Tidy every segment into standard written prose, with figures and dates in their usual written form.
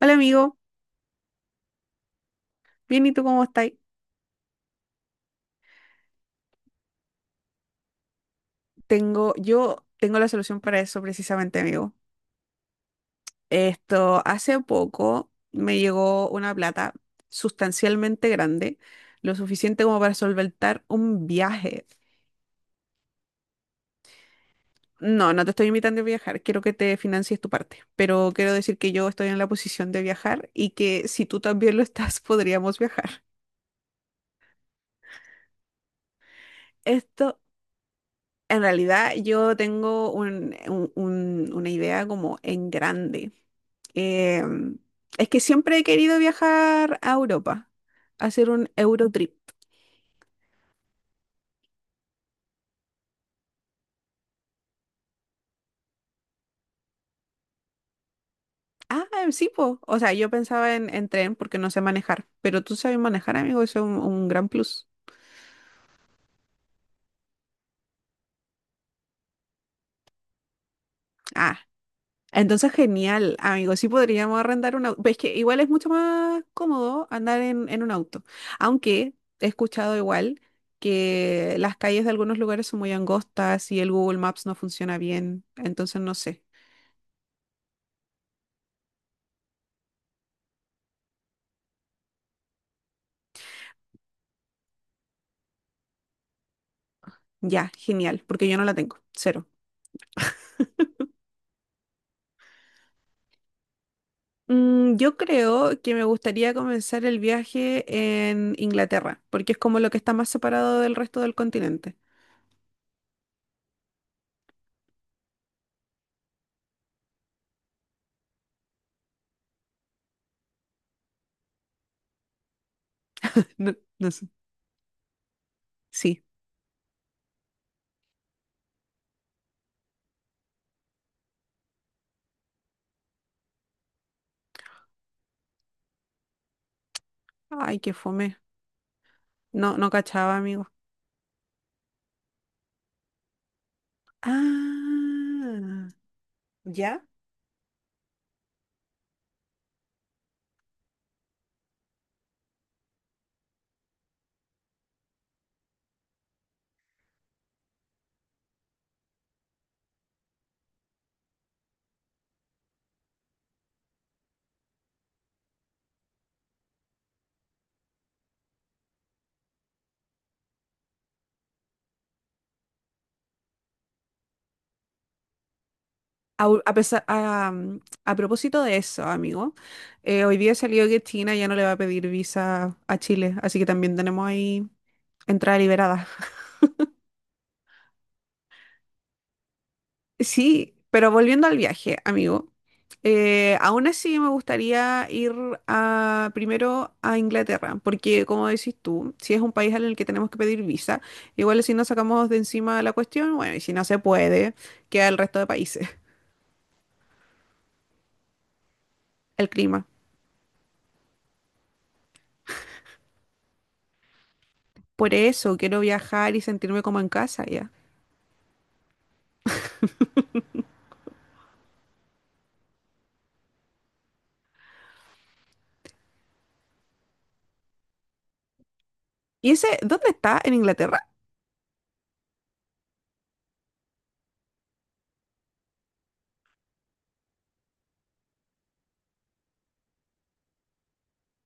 Hola amigo, bien, ¿y tú cómo estás? Yo tengo la solución para eso precisamente, amigo. Esto, hace poco me llegó una plata sustancialmente grande, lo suficiente como para solventar un viaje. No, no te estoy invitando a viajar, quiero que te financies tu parte, pero quiero decir que yo estoy en la posición de viajar y que si tú también lo estás, podríamos viajar. Esto. En realidad yo tengo una idea como en grande. Eh, es que siempre he querido viajar a Europa, hacer un Eurotrip. Ah, sí, po. O sea, yo pensaba en tren porque no sé manejar, pero tú sabes manejar, amigo, eso es un gran plus. Ah, entonces, genial, amigos. Sí podríamos arrendar un auto. Es que igual es mucho más cómodo andar en un auto. Aunque he escuchado igual que las calles de algunos lugares son muy angostas y el Google Maps no funciona bien. Entonces, no sé. Ya, genial, porque yo no la tengo. Cero. Mm, yo creo que me gustaría comenzar el viaje en Inglaterra, porque es como lo que está más separado del resto del continente. No, no sé. Sí. Ay, qué fome. No, no cachaba, amigo. Ah, ¿ya? A pesar, a, um, a propósito de eso, amigo, hoy día salió que China ya no le va a pedir visa a Chile, así que también tenemos ahí entrada liberada. Sí, pero volviendo al viaje, amigo, aún así me gustaría ir primero a Inglaterra, porque como decís tú, si es un país en el que tenemos que pedir visa, igual si no sacamos de encima la cuestión, bueno, y si no se puede, queda el resto de países. El clima. Por eso quiero viajar y sentirme como en casa ya. ¿Y ese, dónde está? ¿En Inglaterra?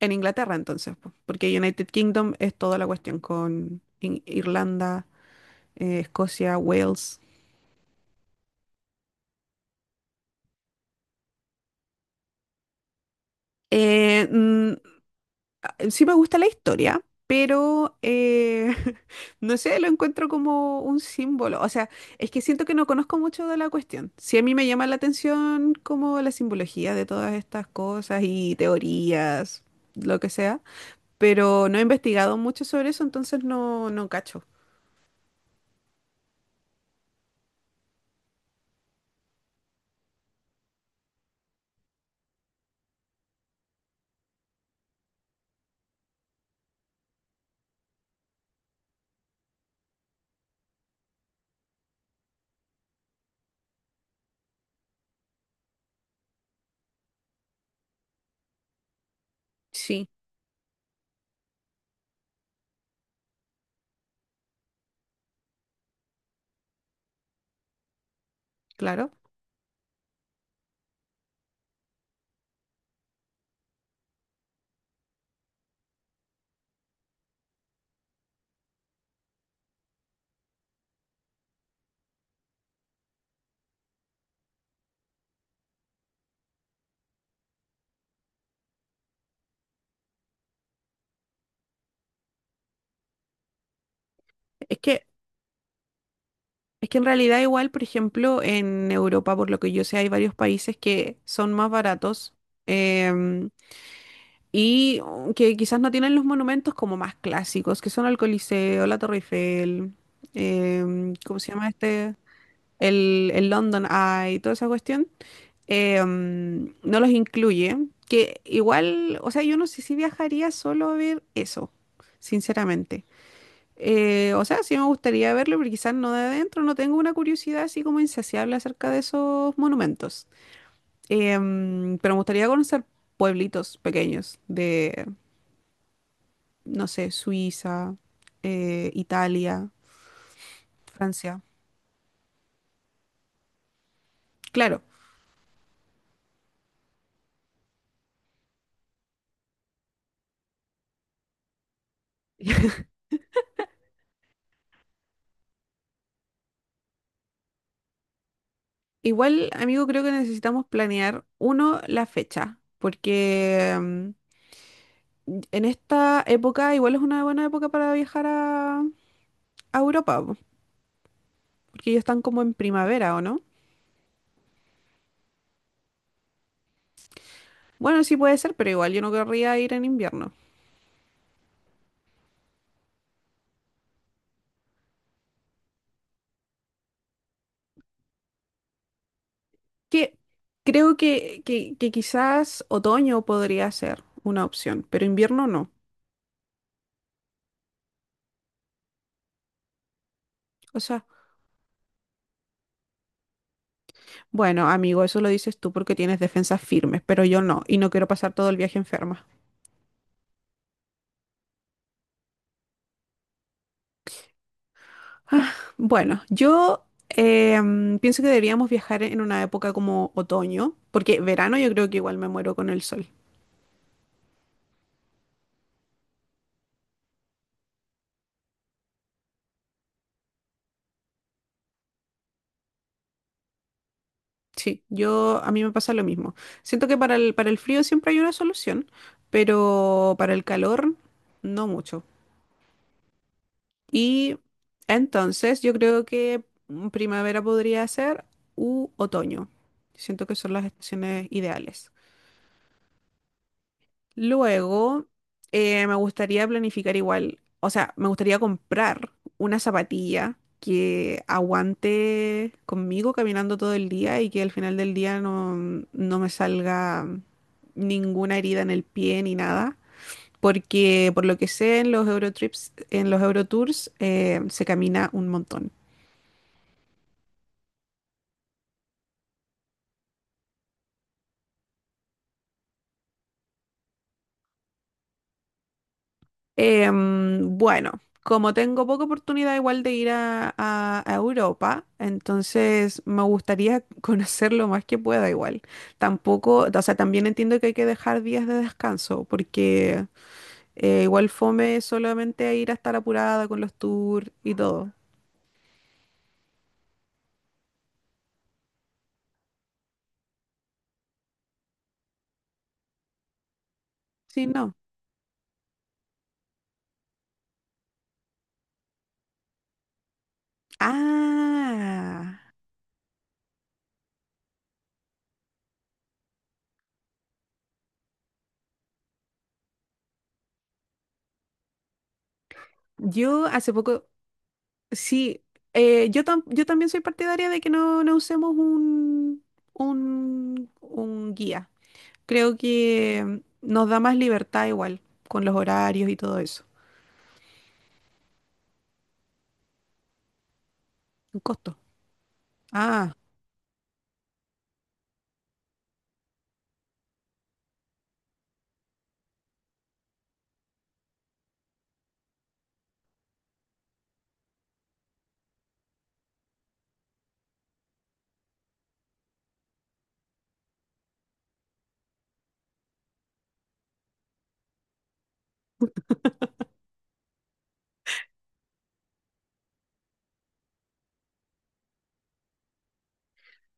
En Inglaterra entonces, po, porque United Kingdom es toda la cuestión con Irlanda, Escocia, Wales. Eh, mm, sí me gusta la historia, pero no sé, lo encuentro como un símbolo. O sea, es que siento que no conozco mucho de la cuestión. Sí a mí me llama la atención como la simbología de todas estas cosas y teorías, lo que sea, pero no he investigado mucho sobre eso, entonces no, no cacho. Sí, claro. Es que, es que en realidad igual, por ejemplo, en Europa, por lo que yo sé, hay varios países que son más baratos, em, y oh, que quizás no tienen los monumentos como más clásicos, que son el Coliseo, la Torre Eiffel, ¿cómo se llama este? El London Eye, toda esa cuestión. No los incluye, que igual, o sea, yo no sé si viajaría solo a ver eso, sinceramente. O sea, sí me gustaría verlo, pero quizás no de adentro, no tengo una curiosidad así como insaciable acerca de esos monumentos. Pero me gustaría conocer pueblitos pequeños de, no sé, Suiza, Italia, Francia. Claro. Igual, amigo, creo que necesitamos planear, uno, la fecha, porque en esta época igual es una buena época para viajar a Europa, po, porque ellos están como en primavera, ¿o no? Bueno, sí puede ser, pero igual yo no querría ir en invierno. Que creo que quizás otoño podría ser una opción, pero invierno no. O sea, bueno, amigo, eso lo dices tú porque tienes defensas firmes, pero yo no, y no quiero pasar todo el viaje enferma. Bueno, yo pienso que deberíamos viajar en una época como otoño, porque verano yo creo que igual me muero con el sol. Sí, yo a mí me pasa lo mismo. Siento que para el frío siempre hay una solución, pero para el calor no mucho. Y entonces yo creo que mm, primavera podría ser u otoño. Siento que son las estaciones ideales. Luego, me gustaría planificar igual, o sea, me gustaría comprar una zapatilla que aguante conmigo caminando todo el día y que al final del día no, no me salga ninguna herida en el pie ni nada. Porque por lo que sé en los Eurotrips, en los Eurotours, se camina un montón. Bueno, como tengo poca oportunidad igual de ir a Europa, entonces me gustaría conocer lo más que pueda igual. Tampoco, o sea, también entiendo que hay que dejar días de descanso, porque igual fome solamente ir a estar apurada con los tours y todo. Sí, no. Ah, yo hace poco, sí, yo, yo también soy partidaria de que no, no usemos un guía. Creo que nos da más libertad igual, con los horarios y todo eso. Un costo. Ah,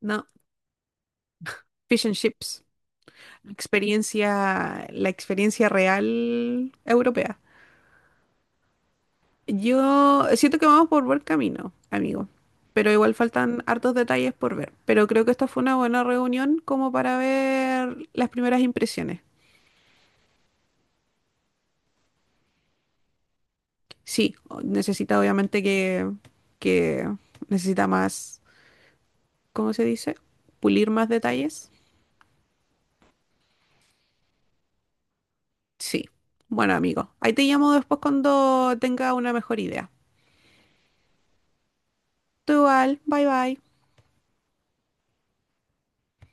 no, fish and chips. Experiencia, la experiencia real europea. Yo siento que vamos por buen camino, amigo. Pero igual faltan hartos detalles por ver. Pero creo que esta fue una buena reunión como para ver las primeras impresiones. Sí, o- necesita obviamente que necesita más, ¿cómo se dice? Pulir más detalles. Sí. Bueno, amigo, ahí te llamo después cuando tenga una mejor idea. Tú igual, bye bye.